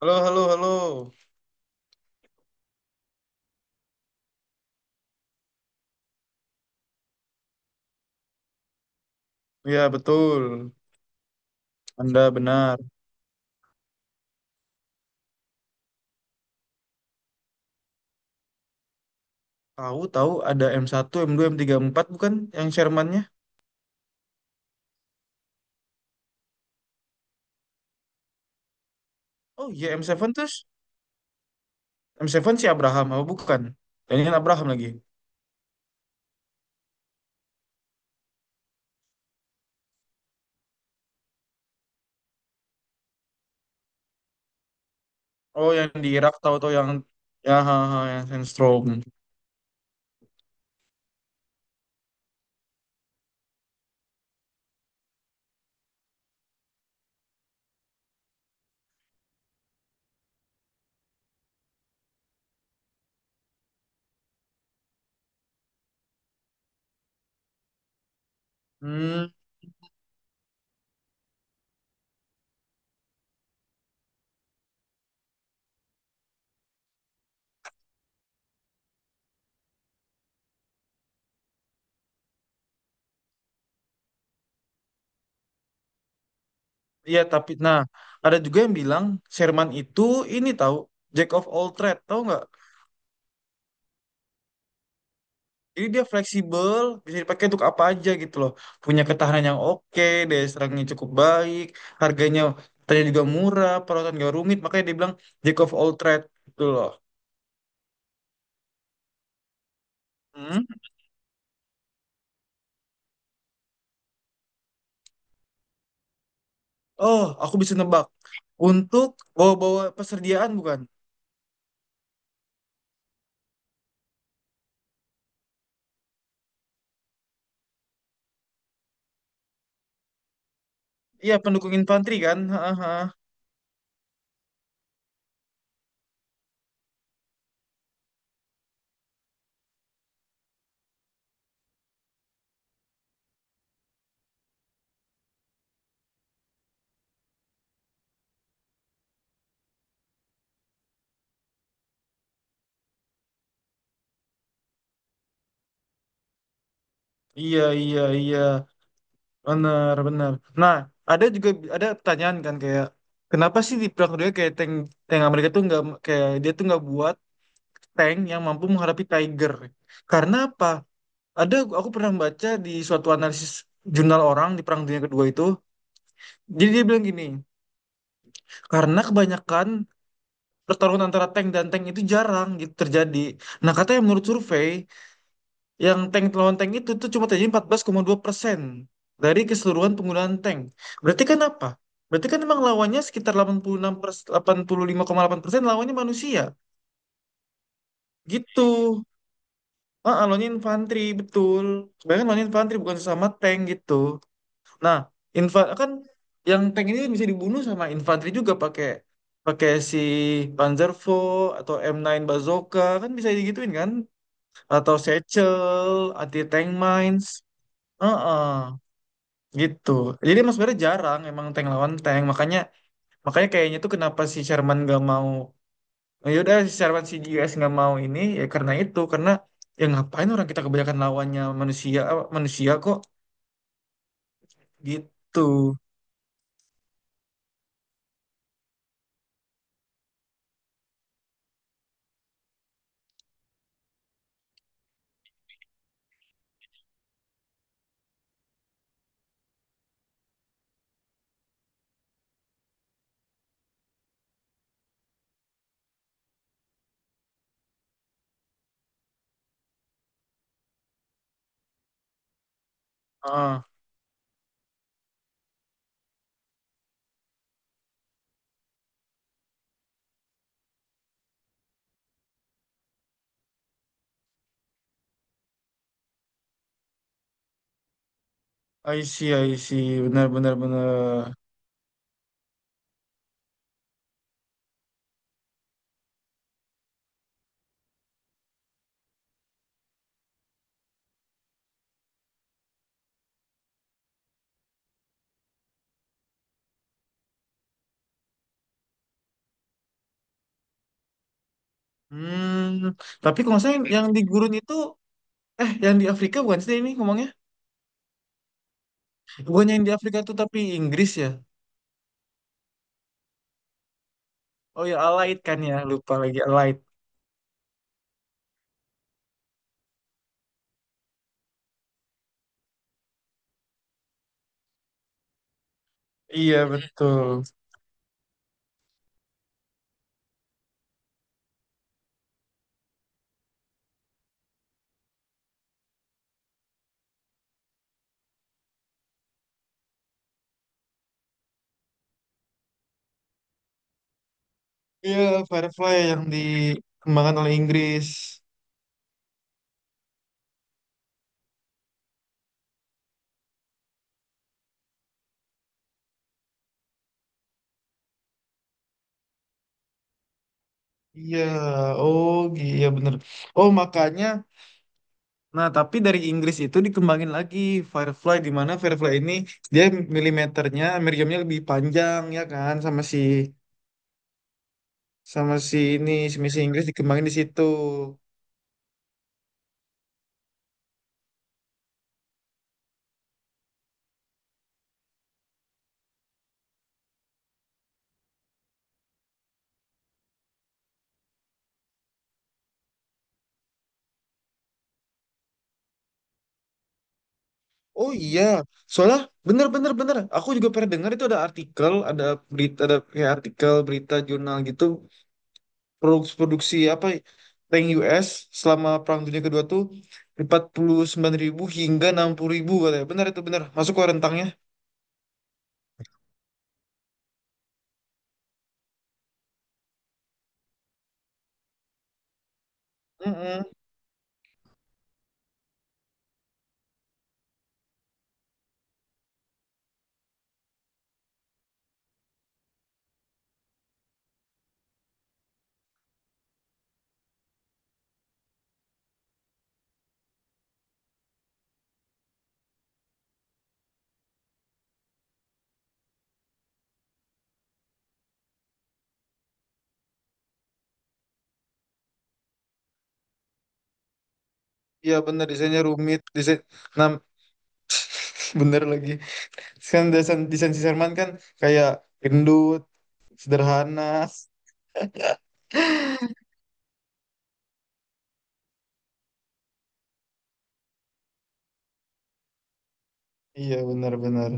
Halo, halo, halo. Ya, betul. Anda benar. Tahu, tahu ada M1 M2 M3 M4 bukan yang Sherman-nya? Oh iya, M7 terus. M7 si Abraham, apa bukan? Ini kan Abraham lagi. Oh, yang di Irak tahu tahu yang ya ha, ha, yang Sandstrom. Hmm, iya tapi nah, ada juga yang bilang Sherman itu ini tahu Jack of all trade, tahu nggak? Jadi dia fleksibel, bisa dipakai untuk apa aja gitu loh. Punya ketahanan yang oke, daya serangnya cukup baik, harganya ternyata juga murah, perawatan gak rumit, makanya dia bilang jack of all trade gitu loh. Hmm? Oh, aku bisa nebak. Untuk bawa-bawa persediaan bukan? Iya, pendukung infanteri kan? Haha. Iya, iya, iya. Benar, benar. Nah, ada juga ada pertanyaan kan kayak kenapa sih di perang dunia kayak tank tank Amerika tuh nggak kayak dia tuh nggak buat tank yang mampu menghadapi Tiger. Karena apa? Ada aku pernah baca di suatu analisis jurnal orang di Perang Dunia Kedua itu. Jadi dia bilang gini, karena kebanyakan pertarungan antara tank dan tank itu jarang gitu terjadi. Nah, katanya menurut survei, yang tank lawan tank itu tuh cuma terjadi 14,2% dari keseluruhan penggunaan tank. Berarti kan apa? Berarti kan emang lawannya sekitar 86% delapan puluh lima koma delapan persen lawannya manusia. Gitu. Ah, lone infantry betul. Sebenarnya lone infantry bukan sesama tank gitu. Nah, infa kan yang tank ini bisa dibunuh sama infanteri juga pakai pakai si Panzervo atau M9 Bazooka kan bisa digituin kan? Atau Satchel, anti tank mines. Heeh, gitu. Jadi emang sebenarnya jarang emang tank lawan tank. Makanya makanya kayaknya tuh kenapa si Sherman gak mau. Nah, yaudah secara si US nggak mau ini ya karena itu karena ya ngapain orang kita kebanyakan lawannya manusia manusia kok gitu. Ah, I see, I see, benar, benar, benar. Hmm, tapi kalau nggak salah yang di gurun itu yang di Afrika bukan sih ini ngomongnya. Bukan yang di Afrika tuh tapi Inggris ya. Oh ya, Allied kan ya lupa lagi Allied. Iya betul. Iya. Firefly yang dikembangkan oleh Inggris. Iya. Oh. Iya benar. Oh makanya. Nah, tapi dari Inggris itu dikembangin lagi Firefly di mana Firefly ini dia milimeternya, meriamnya lebih panjang ya kan sama si ini si misi Inggris dikembangin di situ. Oh iya, soalnya bener, bener, bener. Aku juga pernah dengar itu ada artikel, ada berita, ada kayak artikel berita jurnal gitu produksi apa tank US selama Perang Dunia Kedua tuh 49.000 hingga 60.000 katanya. Bener itu bener. Masuk ke rentangnya. Iya bener desainnya rumit desain, nah, bener lagi kan desain desain si Sherman kan kayak gendut sederhana. Iya bener bener.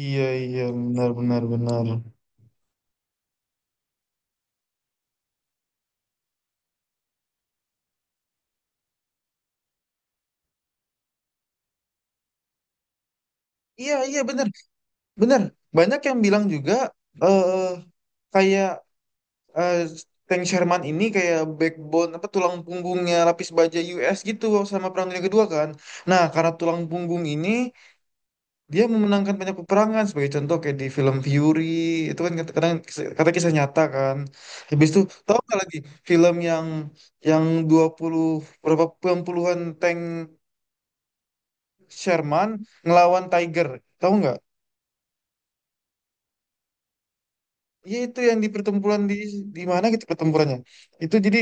Iya, iya, benar-benar, benar, benar. Iya, iya, benar, benar. Banyak yang bilang juga eh kayak eh, Tank Sherman ini kayak backbone apa tulang punggungnya lapis baja US gitu sama Perang Dunia Kedua kan, nah karena tulang punggung ini dia memenangkan banyak peperangan sebagai contoh kayak di film Fury itu kan kadang kata kisah nyata kan. Habis itu tahu nggak lagi film yang yang 20 berapa puluhan puluhan tank Sherman ngelawan Tiger, tahu nggak? Ya itu yang di pertempuran di mana gitu pertempurannya. Itu jadi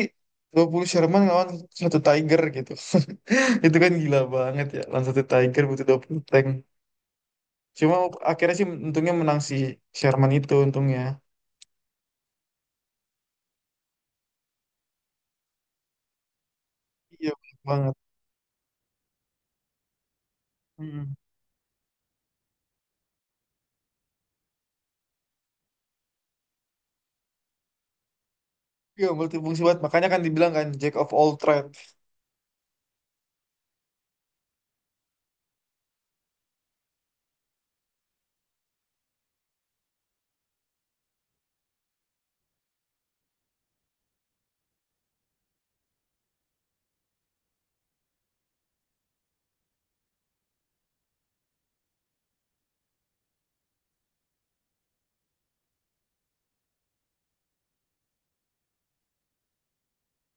20 Sherman ngelawan satu Tiger gitu. Itu kan gila banget ya lawan satu Tiger butuh 20 tank. Cuma akhirnya sih untungnya menang si Sherman itu untungnya. Iya banget. Mm-mm. Iya, multifungsi banget. Makanya kan dibilang kan Jack of all trades.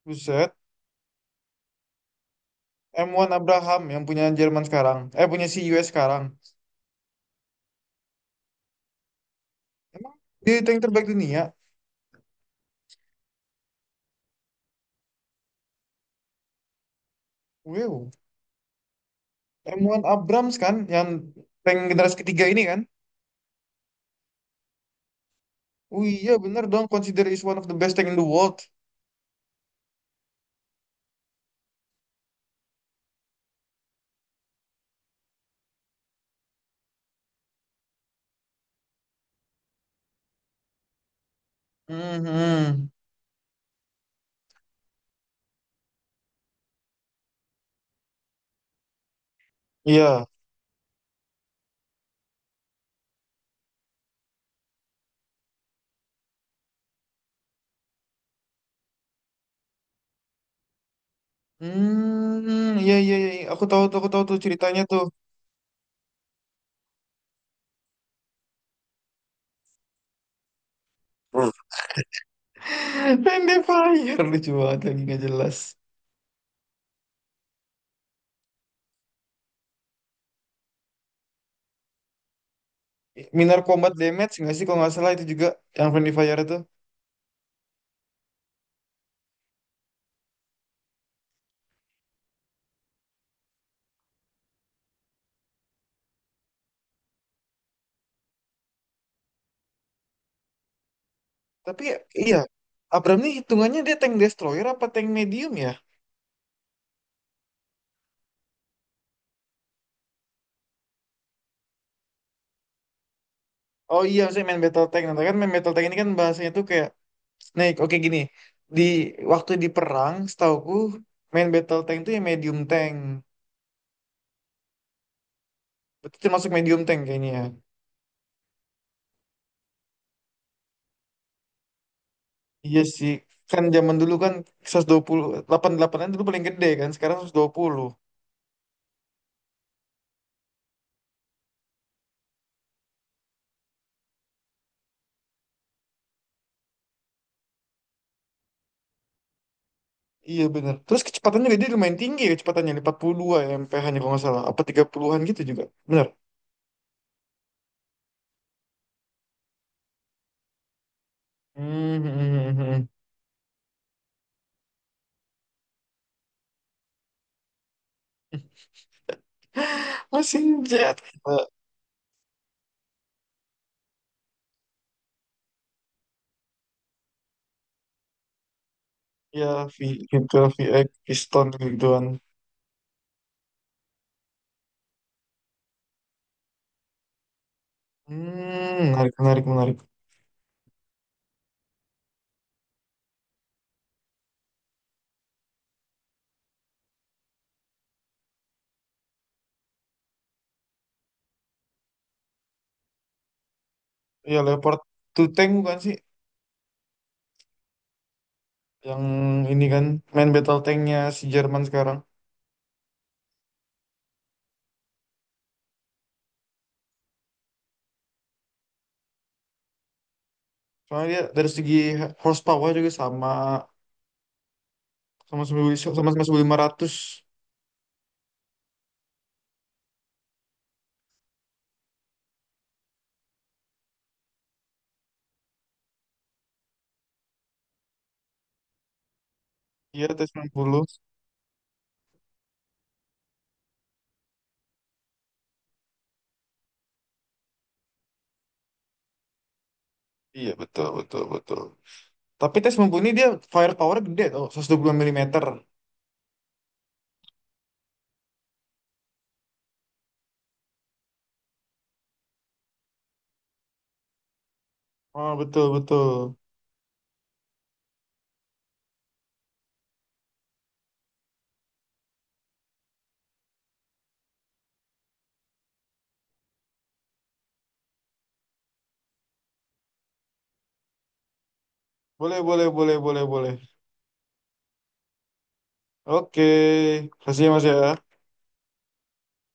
Buset. M1 Abraham yang punya Jerman sekarang. Eh, punya si US sekarang. Emang dia tank terbaik dunia? Wow. M1 Abrams kan yang tank generasi ketiga ini kan? Oh iya, bener dong. Consider is one of the best tank in the world. Mhm. Iya. Hmm, iya, iya, iya. Aku tahu tuh ceritanya tuh. Land Fire, lucu banget lagi nggak jelas. Minor Combat Damage nggak sih kalau nggak salah itu juga yang Friendly Fire itu. Tapi iya, Abram nih hitungannya dia tank destroyer apa tank medium ya? Oh iya, saya main battle tank. Nah, kan main battle tank ini kan bahasanya tuh kayak Snake. Oke gini, di waktu di perang, setauku main battle tank tuh yang medium tank. Berarti termasuk medium tank kayaknya ya. Iya sih, kan zaman dulu kan 128 an dulu paling gede kan, sekarang 120. Iya bener. Terus kecepatannya juga dia lumayan tinggi ya kecepatannya, 42 ya MPH-nya kalau nggak salah. Apa 30-an gitu juga, bener. Hmm, hmm, hmm, hmm. Mesin jet. Eh, ya, V gitu, V x piston gituan. Hmm, menarik, menarik, menarik. Ya, Leopard 2 tank bukan sih? Yang ini kan, main battle tanknya si Jerman sekarang. Soalnya dia dari segi horsepower juga sama, sama sama 1.500. Iya, T-90. Iya, betul, betul, betul. Tapi T-90 ini dia firepower gede tuh, 120 mm. Oh, betul, betul. Boleh, boleh, boleh, boleh, boleh. Oke, kasih ya, Mas ya.